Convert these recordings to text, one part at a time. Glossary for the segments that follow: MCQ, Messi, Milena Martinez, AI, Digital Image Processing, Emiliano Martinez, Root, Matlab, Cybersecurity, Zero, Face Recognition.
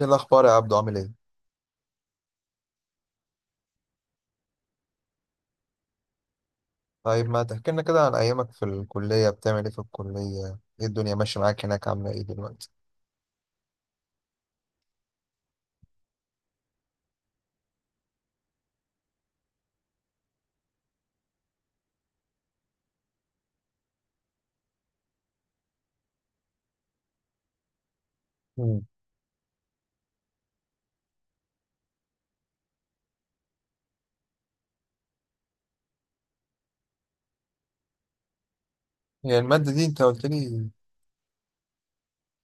ايه الاخبار يا عبدو عامل ايه؟ طيب ما تحكي لنا كده عن ايامك في الكليه، بتعمل ايه في الكليه؟ ايه الدنيا ماشيه معاك هناك؟ عامله ايه دلوقتي؟ مم. هي الماده دي انت قلت لي،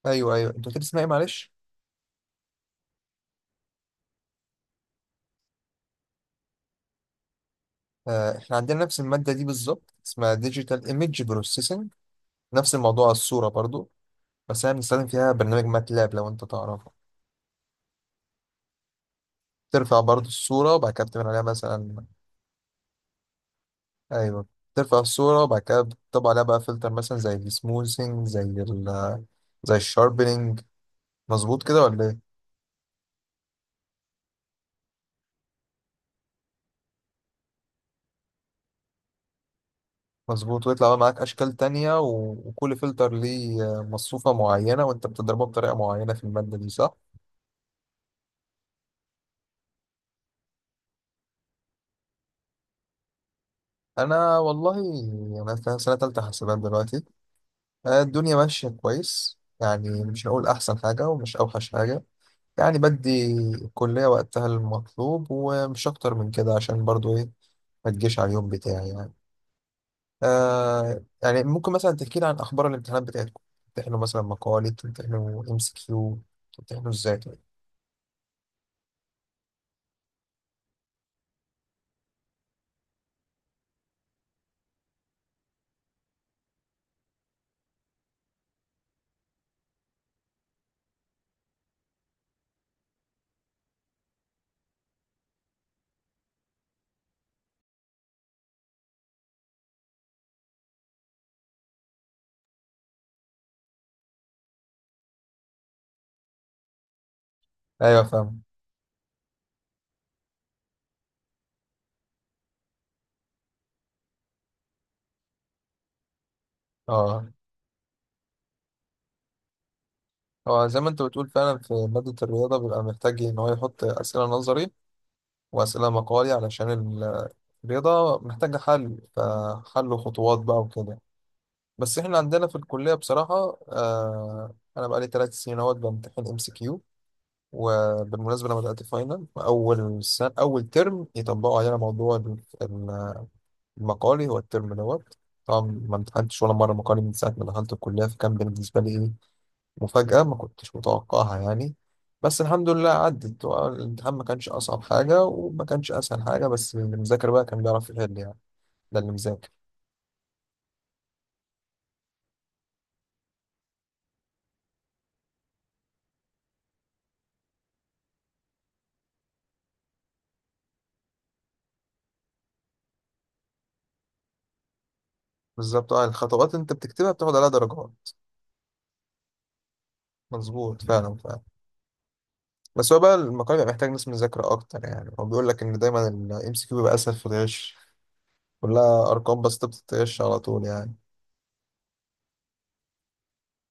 ايوه ايوه انت قلت لي اسمها ايه؟ معلش. احنا عندنا نفس الماده دي بالظبط، اسمها ديجيتال ايمج بروسيسنج، نفس الموضوع الصوره برضو. بس احنا بنستخدم فيها برنامج ماتلاب لو انت تعرفه، ترفع برضو الصوره وبعد كده بتعمل عليها مثلا. ايوه، ترفع الصوره وبعد كده بتطبع عليها بقى فلتر، مثلا زي السموثينج، زي زي الشاربينج. مظبوط كده ولا ايه؟ مظبوط. ويطلع بقى معاك اشكال تانية وكل فلتر ليه مصفوفة معينة، وانت بتضربها بطريقة معينة في المادة دي، صح؟ انا والله، انا في سنة تالتة حاسبات دلوقتي. الدنيا ماشية كويس يعني، مش هقول احسن حاجة ومش اوحش حاجة يعني. بدي الكلية وقتها المطلوب ومش اكتر من كده، عشان برضو ايه، ما تجيش على اليوم بتاعي يعني. آه يعني ممكن مثلا تحكي لي عن اخبار الامتحانات بتاعتكم؟ بتمتحنوا مثلا مقالي، بتمتحنوا ام سي كيو، بتمتحنوا ازاي طيب؟ ايوه، فاهم. اه، هو زي ما انت بتقول فعلا، في مادة الرياضة بيبقى محتاج ان هو يحط أسئلة نظري وأسئلة مقالي، علشان الرياضة محتاجة حل، فحل خطوات بقى وكده. بس احنا عندنا في الكلية بصراحة، آه، أنا بقالي ثلاث سنين اهوت بمتحن ام سي كيو، وبالمناسبة لما بدأت فاينل أول سنة أول ترم، يطبقوا علينا موضوع المقالي هو الترم دوت. طبعا ما امتحنتش ولا مرة مقالي من ساعة ما دخلت الكلية، فكان بالنسبة لي إيه، مفاجأة ما كنتش متوقعها يعني. بس الحمد لله عدت، هو الامتحان ما كانش أصعب حاجة وما كانش أسهل حاجة، بس اللي مذاكر بقى كان بيعرف يحل يعني، ده اللي مذاكر. بالظبط، اه، الخطوات انت بتكتبها بتاخد عليها درجات. مظبوط، فعلا. بس هو بقى المقال بيبقى محتاج ناس مذاكرة أكتر يعني، هو بيقول لك إن دايما الام سي كيو بيبقى أسهل في الغش، كلها أرقام بس، انت بتتغش على طول يعني.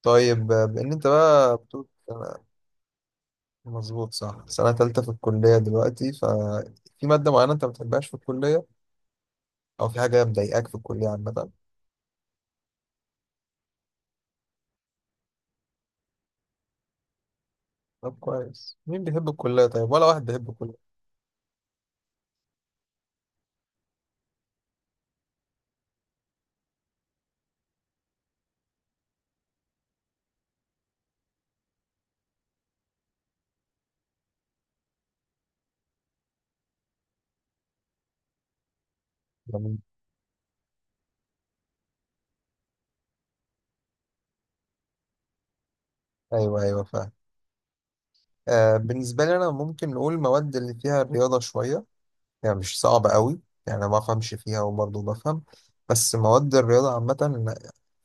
طيب آه، بإن أنت بقى بتقول، مظبوط، صح. سنة تالتة في الكلية دلوقتي، ففي مادة معينة أنت ما بتحبهاش في الكلية او في حاجه مضايقاك في الكليه عامه؟ طب كويس، مين بيحب الكليه طيب؟ ولا واحد بيحب الكليه. جميل. ايوه ايوه، فاهم. آه، بالنسبه لي انا ممكن نقول المواد اللي فيها رياضه شويه، يعني مش صعبه قوي، يعني ما افهمش فيها وبرضه بفهم، بس مواد الرياضه عامه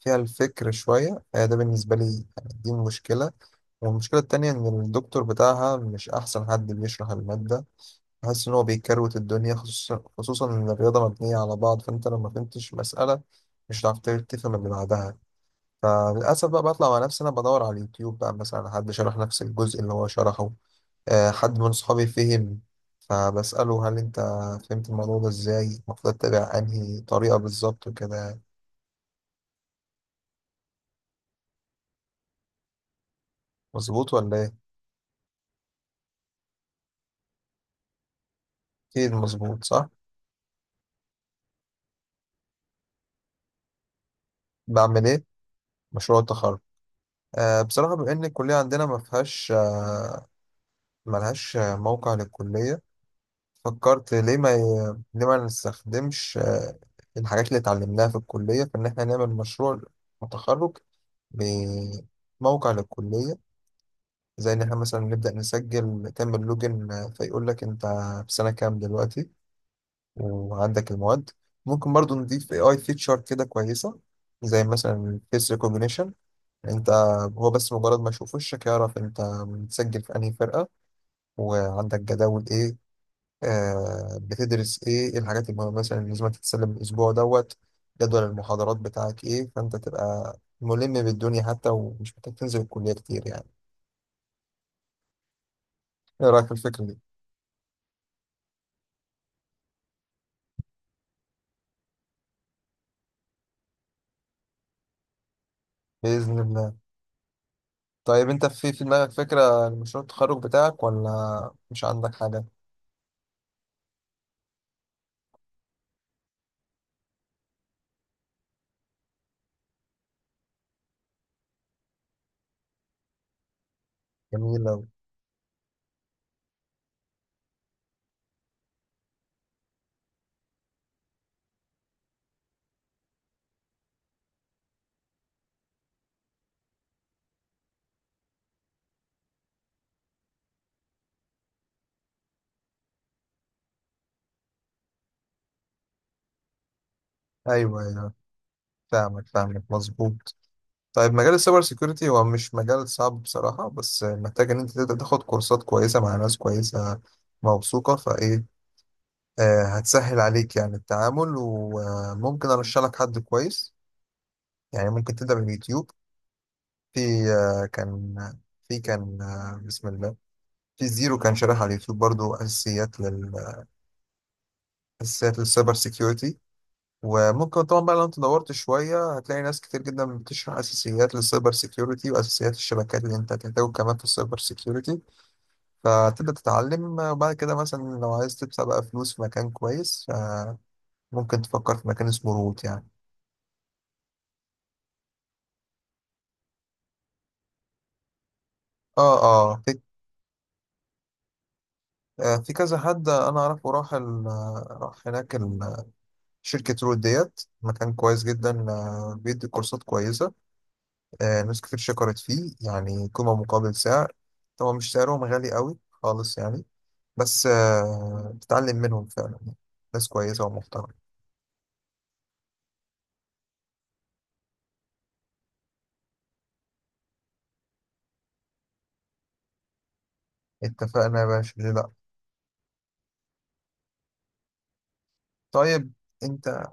فيها الفكر شويه، آه، ده بالنسبه لي يعني، دي مشكله. والمشكله التانية ان الدكتور بتاعها مش احسن حد بيشرح الماده، حاسس ان هو بيكروت الدنيا، خصوصا ان الرياضه مبنيه على بعض، فانت لو ما فهمتش مساله مش هتعرف تفهم اللي بعدها. فللاسف بقى، بطلع مع نفسي انا، بدور على اليوتيوب بقى مثلا على حد شرح نفس الجزء اللي هو شرحه، حد من صحابي فهم، فبساله هل انت فهمت الموضوع ده ازاي؟ المفروض اتبع انهي طريقه بالظبط وكده، مظبوط ولا ايه؟ اكيد مظبوط، صح. بعمل ايه؟ مشروع التخرج. أه، بصراحه بما ان الكليه عندنا ما فيهاش، ملهاش موقع للكليه، فكرت ليه ما ليه ما نستخدمش الحاجات اللي اتعلمناها في الكلية في إن إحنا نعمل مشروع تخرج بموقع للكلية. زي إن إحنا مثلا نبدأ نسجل، تعمل لوجن، فيقول لك أنت في سنة كام دلوقتي، وعندك المواد. ممكن برضو نضيف AI فيتشر كده كويسة، زي مثلا فيس ريكوجنيشن، أنت هو بس مجرد ما يشوف وشك يعرف أنت متسجل في أنهي فرقة، وعندك جداول إيه، آه، بتدرس ايه، ايه الحاجات المهمة مثلا اللي لازم تتسلم الاسبوع دوت، جدول المحاضرات بتاعك ايه، فانت تبقى ملم بالدنيا حتى ومش محتاج تنزل الكلية كتير يعني. ايه رأيك في الفكرة دي؟ بإذن الله. طيب انت في دماغك فكرة لمشروع التخرج بتاعك ولا مش عندك حاجة؟ جميلة أوي. ايوه ايوه، فاهمك، مظبوط. طيب مجال السايبر سيكيورتي هو مش مجال صعب بصراحة، بس محتاج ان انت تبدأ تاخد كورسات كويسة مع ناس كويسة موثوقة، فايه، آه، هتسهل عليك يعني التعامل. وممكن ارشح لك حد كويس يعني، ممكن تبدا من اليوتيوب. في، آه، كان، في كان، آه، بسم الله، في زيرو كان شارح على اليوتيوب برضو اساسيات اساسيات للسايبر سيكيورتي. وممكن طبعا بقى لو انت دورت شويه هتلاقي ناس كتير جدا بتشرح اساسيات للسايبر سيكيورتي واساسيات الشبكات اللي انت هتحتاجه كمان في السايبر سيكيورتي، فتبدا تتعلم. آه، وبعد كده مثلا لو عايز تدفع بقى فلوس في مكان كويس، آه، ممكن تفكر في مكان اسمه روت يعني. اه اه، في، آه، في كذا حد انا اعرفه راح راح هناك شركة رود ديت، مكان كويس جدا، آه، بيدي كورسات كويسة، آه، ناس كتير شكرت فيه يعني، قيمة مقابل سعر، طبعا مش سعرهم غالي قوي خالص يعني، بس آه بتتعلم منهم فعلا، ناس كويسة ومحترمة. اتفقنا يا باشا، ليه لا. طيب انت،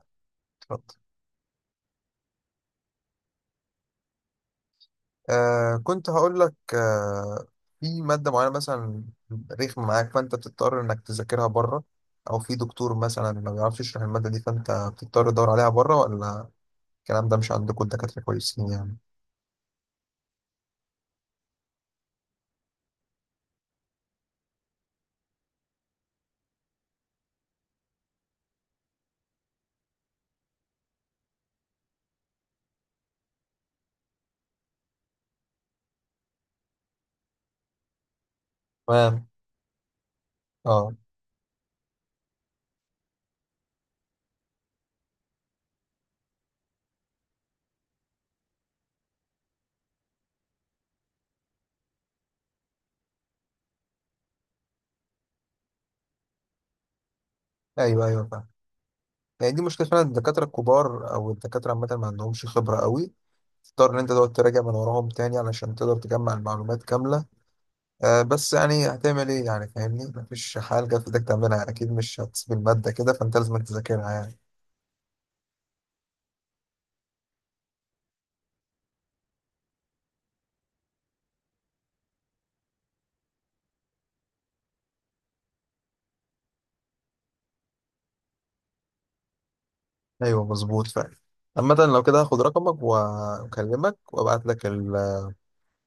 آه كنت هقول لك، آه، في مادة معينة مثلا رخمة معاك فأنت بتضطر إنك تذاكرها بره، أو في دكتور مثلا ما بيعرفش يشرح المادة دي فأنت بتضطر تدور عليها بره، ولا الكلام ده مش عندكم، الدكاترة كويسين يعني؟ تمام، اه. أيوه أيوه، فاهم. يعني دي مشكلة فعلا، الدكاترة الكبار أو الدكاترة عامة ما عندهمش خبرة قوي، تضطر إن أنت تقعد تراجع من وراهم تاني علشان تقدر تجمع المعلومات كاملة. آه، بس يعني هتعمل ايه يعني، فاهمني، مفيش حاجة جت في ايدك تعملها يعني، اكيد مش هتسيب المادة كده فانت لازم تذاكرها يعني. ايوه، مظبوط فعلا. عامة لو كده هاخد رقمك واكلمك وابعت لك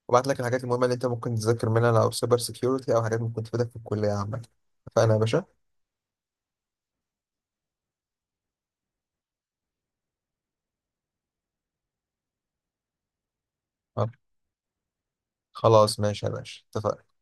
وابعت لك الحاجات المهمة اللي انت ممكن تذاكر منها، لو سايبر سيكيورتي او حاجات ممكن تفيدك في الكلية عامة. اتفقنا يا باشا. خلاص ماشي يا باشا، اتفقنا.